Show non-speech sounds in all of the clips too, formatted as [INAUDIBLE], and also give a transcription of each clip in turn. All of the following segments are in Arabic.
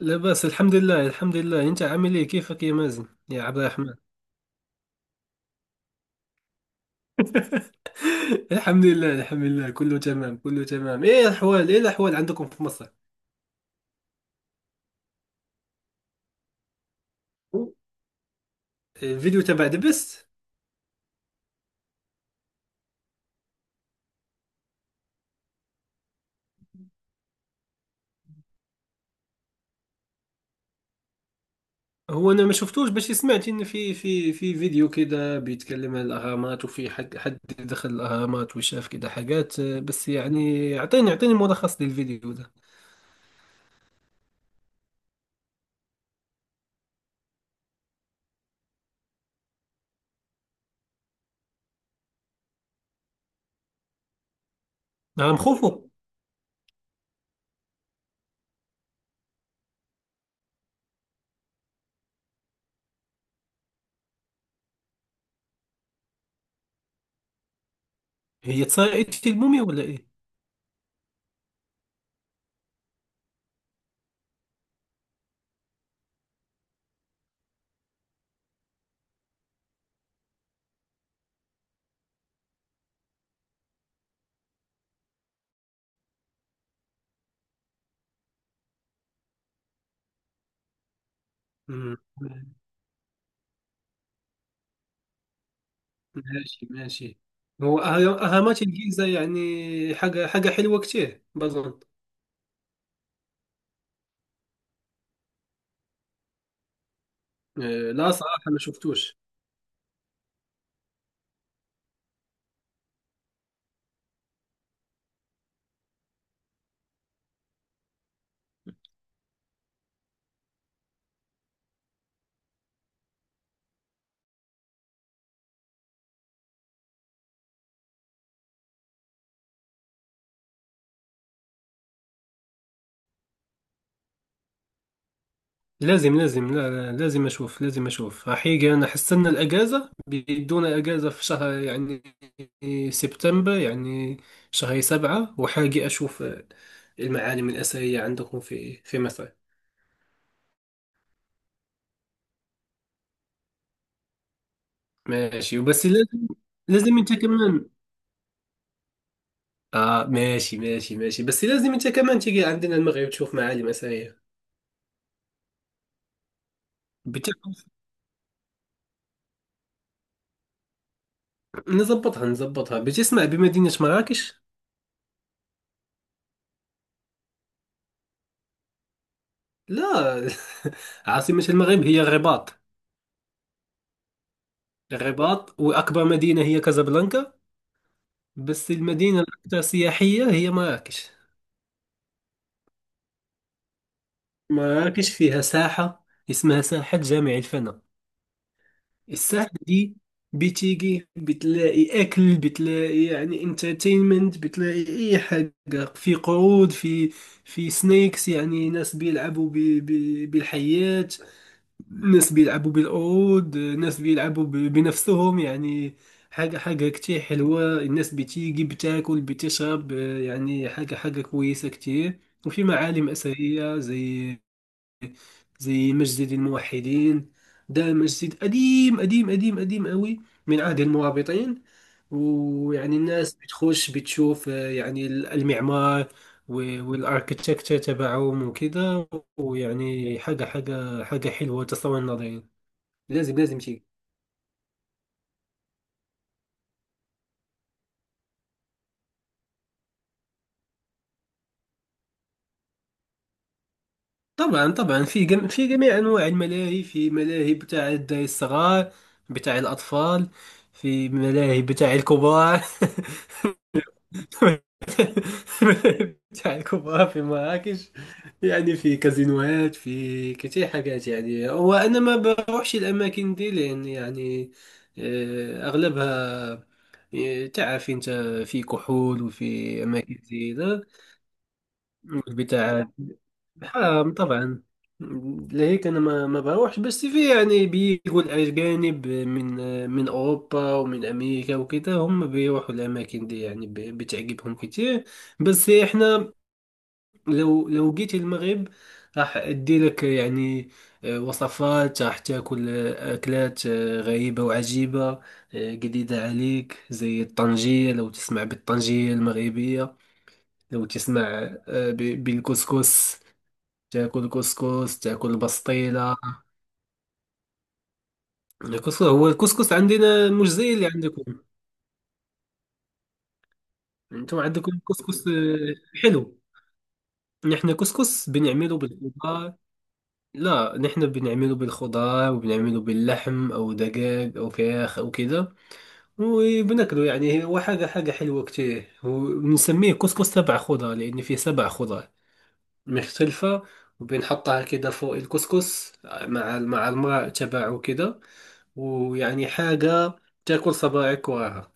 لا بأس، الحمد لله، الحمد لله. انت عامل ايه؟ كيفك يا مازن يا عبد الرحمن؟ [LAUGHS] الحمد لله، الحمد لله، كله تمام كله تمام. ايه الاحوال، ايه الاحوال عندكم في مصر؟ [LAUGHS] الفيديو تبع دبست. هو انا ما شفتوش، بس سمعت ان في فيديو كده بيتكلم عن الاهرامات، وفي حد دخل الاهرامات وشاف كده حاجات، بس يعني اعطيني اعطيني ملخص للفيديو ده. انا مخوفه. هي تصارعة الموميا ولا ايه؟ مم. ماشي ماشي. هو ها ماتش الجيزة يعني حاجة حاجة حلوة كتير بظن. آه، لا صراحة ما شفتوش. لازم لازم، لا لا، لازم أشوف، لازم أشوف حقيقة. أنا حستنى الأجازة، بيدونا أجازة في شهر يعني سبتمبر، يعني شهر سبعة وحاجة أشوف المعالم الأثرية عندكم في مصر. ماشي وبس لازم، لازم أنت كمان. آه، ماشي ماشي ماشي، بس لازم أنت كمان تيجي عندنا المغرب تشوف معالم أثرية. نظبطها نظبطها، باش اسمع بمدينة مراكش. لا، [LAUGHS] عاصمة المغرب هي الرباط. الرباط، وأكبر مدينة هي كازابلانكا. بس المدينة الأكثر سياحية هي مراكش. مراكش فيها ساحة اسمها ساحة جامع الفناء. الساحة دي بتيجي بتلاقي أكل، بتلاقي يعني انترتينمنت، بتلاقي أي حاجة، في قرود، في سنيكس، يعني ناس بيلعبوا بالحيات، ناس بيلعبوا بالعود، ناس بيلعبوا بنفسهم يعني. حاجة حاجة كتير حلوة، الناس بتيجي بتاكل بتشرب، يعني حاجة حاجة كويسة كتير. وفي معالم أثرية زي مسجد الموحدين. ده مسجد قديم قديم قديم قديم قوي، من عهد المرابطين. ويعني الناس بتخش بتشوف يعني المعمار والاركتكتشر تبعهم وكده. ويعني حاجة حاجة حاجة حلوة، تصور نظير. لازم لازم تيجي. طبعا طبعا، في جميع انواع الملاهي، في ملاهي بتاع الدراري الصغار، بتاع الاطفال. في ملاهي بتاع الكبار. [LAUGHS] ملاهي بتاع الكبار في مراكش، يعني في كازينوهات، في كتير حاجات يعني. وانا ما بروحش الاماكن دي، لان يعني آه، اغلبها تعرف انت، في كحول وفي اماكن زي ده بتاع. آه طبعا. لهيك انا ما بروحش، بس في يعني بيجوا الاجانب من اوروبا ومن امريكا، وكده هم بيروحوا الاماكن دي، يعني بتعجبهم كتير. بس احنا، لو جيت المغرب، راح ادي لك يعني وصفات، راح تاكل اكلات غريبة وعجيبة، جديدة عليك، زي الطنجية، لو تسمع بالطنجية المغربية، لو تسمع بالكسكس. تاكل كسكس، تاكل بسطيلة. الكسكس، هو الكسكس عندنا مش زي اللي عندكم. انتم عندكم كسكس حلو. نحن كسكس بنعمله بالخضار. لا، نحن بنعمله بالخضار، وبنعمله باللحم او دجاج او فراخ او كده. وبناكله يعني، هو حاجة حاجة حلوة كتير، وبنسميه كسكس سبع خضار لان فيه سبع خضار مختلفة. وبنحطها كده فوق الكسكس مع الماء تبعه كده. ويعني حاجة تاكل صباعك وراها.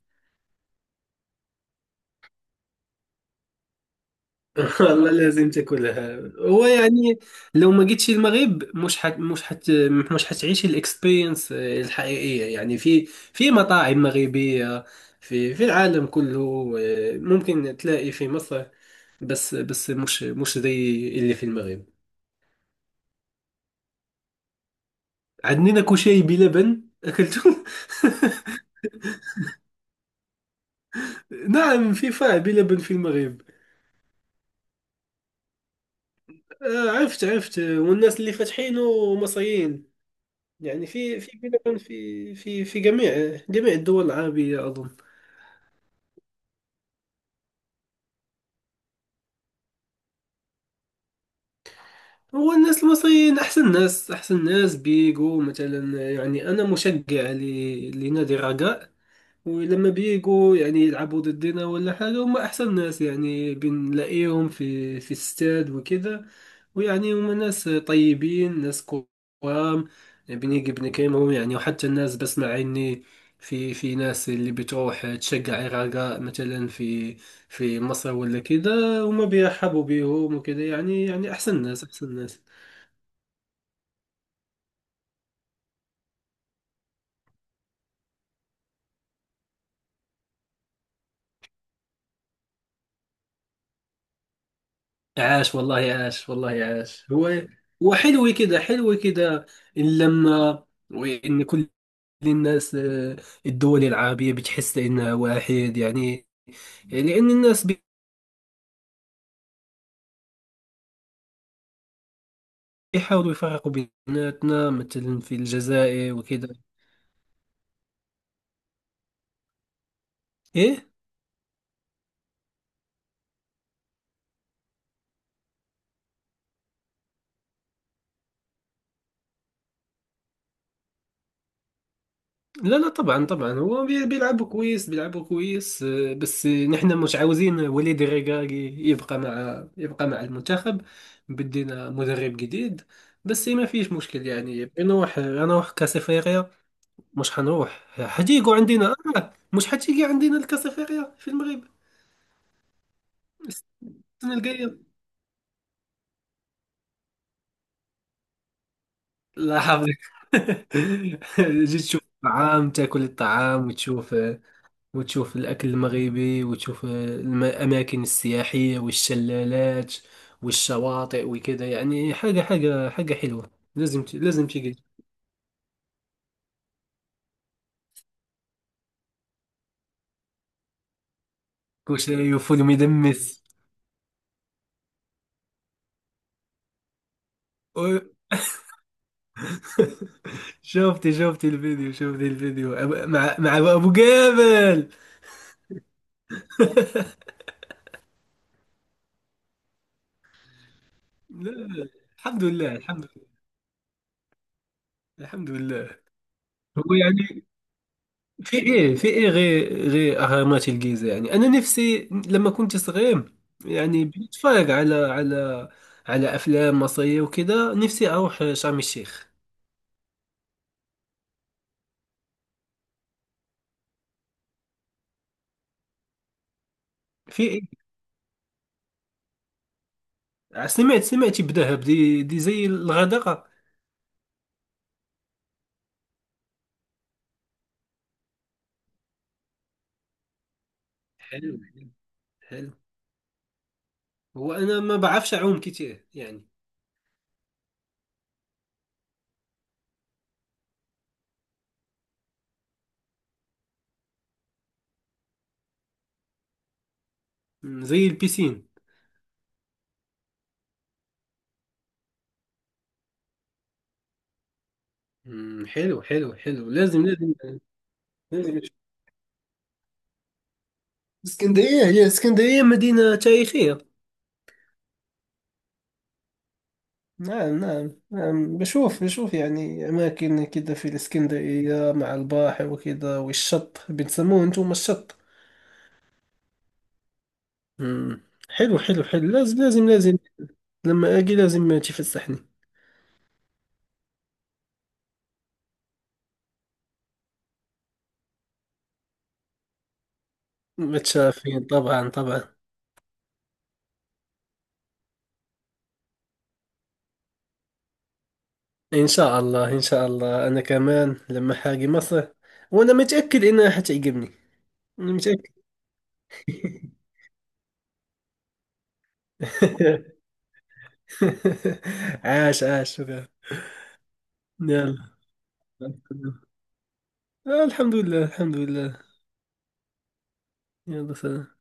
[LAUGHS] والله لازم تاكلها. هو يعني لو ما جيتش المغرب مش حتعيش الاكسبيرينس الحقيقية يعني، في مطاعم مغربية في العالم كله ممكن تلاقي في مصر، بس مش زي اللي في المغرب. عندنا كشري بلبن أكلته. [LAUGHS] نعم، فيفا بلبن في المغرب. آه، عرفت عرفت والناس اللي فاتحينه مصريين. يعني في بلبن في جميع الدول العربية أظن. هو الناس المصريين أحسن ناس أحسن ناس، بيجو مثلا. يعني أنا مشجع لنادي الرجاء. ولما بيجوا يعني يلعبوا ضدنا ولا حاجة، هم أحسن ناس يعني، بنلاقيهم في استاد وكذا. ويعني هم ناس طيبين، ناس كرام. بنيجي بنكلمهم يعني، وحتى الناس بسمع إني في ناس اللي بتروح تشجع الرجاء مثلا في في مصر ولا كذا، هما بيرحبوا بيهم وكذا يعني أحسن ناس، أحسن ناس. عاش والله، عاش والله، عاش! هو وحلو كده، حلو كده، اللمة. وإن كل الناس الدول العربية بتحس إنها واحد يعني. لأن الناس بيحاولوا يفرقوا بيناتنا، مثلا في الجزائر وكذا. إيه. لا لا، طبعا طبعا، هو بيلعبوا كويس، بيلعبوا كويس بس نحن مش عاوزين وليد الركراكي يبقى مع المنتخب. بدينا مدرب جديد. بس ما فيش مشكل يعني، نروح كاس افريقيا. مش حنروح، حتيجوا عندنا مش حتيجي عندنا الكاس افريقيا في المغرب السنة الجاية. لا، حافظك. [LAUGHS] جيت تشوف الطعام، تاكل الطعام، وتشوف الاكل المغربي، وتشوف الاماكن السياحيه والشلالات والشواطئ وكذا، يعني حاجه حاجه حاجه حلوه، لازم تيجي. كشري وفول مدمس. أو- [LAUGHS] شفتي الفيديو، مع ابو جابل. [LAUGHS] لا. الحمد لله، الحمد لله، الحمد لله. هو يعني في ايه، في ايه غير اهرامات الجيزه، يعني انا نفسي لما كنت صغير يعني بنتفرج على على افلام مصريه وكذا، نفسي اروح شرم الشيخ. في ايه؟ سمعتي بدهب، دي زي الغردقه. حلو حلو حلو. هو انا ما بعرفش اعوم كتير يعني. زي البيسين. حلو حلو حلو، لازم لازم لازم نشوف. اسكندريه، هي اسكندريه مدينه تاريخيه. نعم نعم نعم، بشوف يعني أماكن كده في الإسكندرية مع البحر وكده، والشط بتسموه أنتم الشط. مم. حلو حلو حلو، لازم لازم لازم. لما أجي لازم تفسحني. متشافين طبعا طبعا. إن شاء الله، إن شاء الله، أنا كمان لما حاجي مصر وأنا متأكد إنها حتعجبني. أنا متأكد. [LAUGHS] عاش، عاش، شكرا. يلا. الحمد لله، الحمد لله. يلا سلام.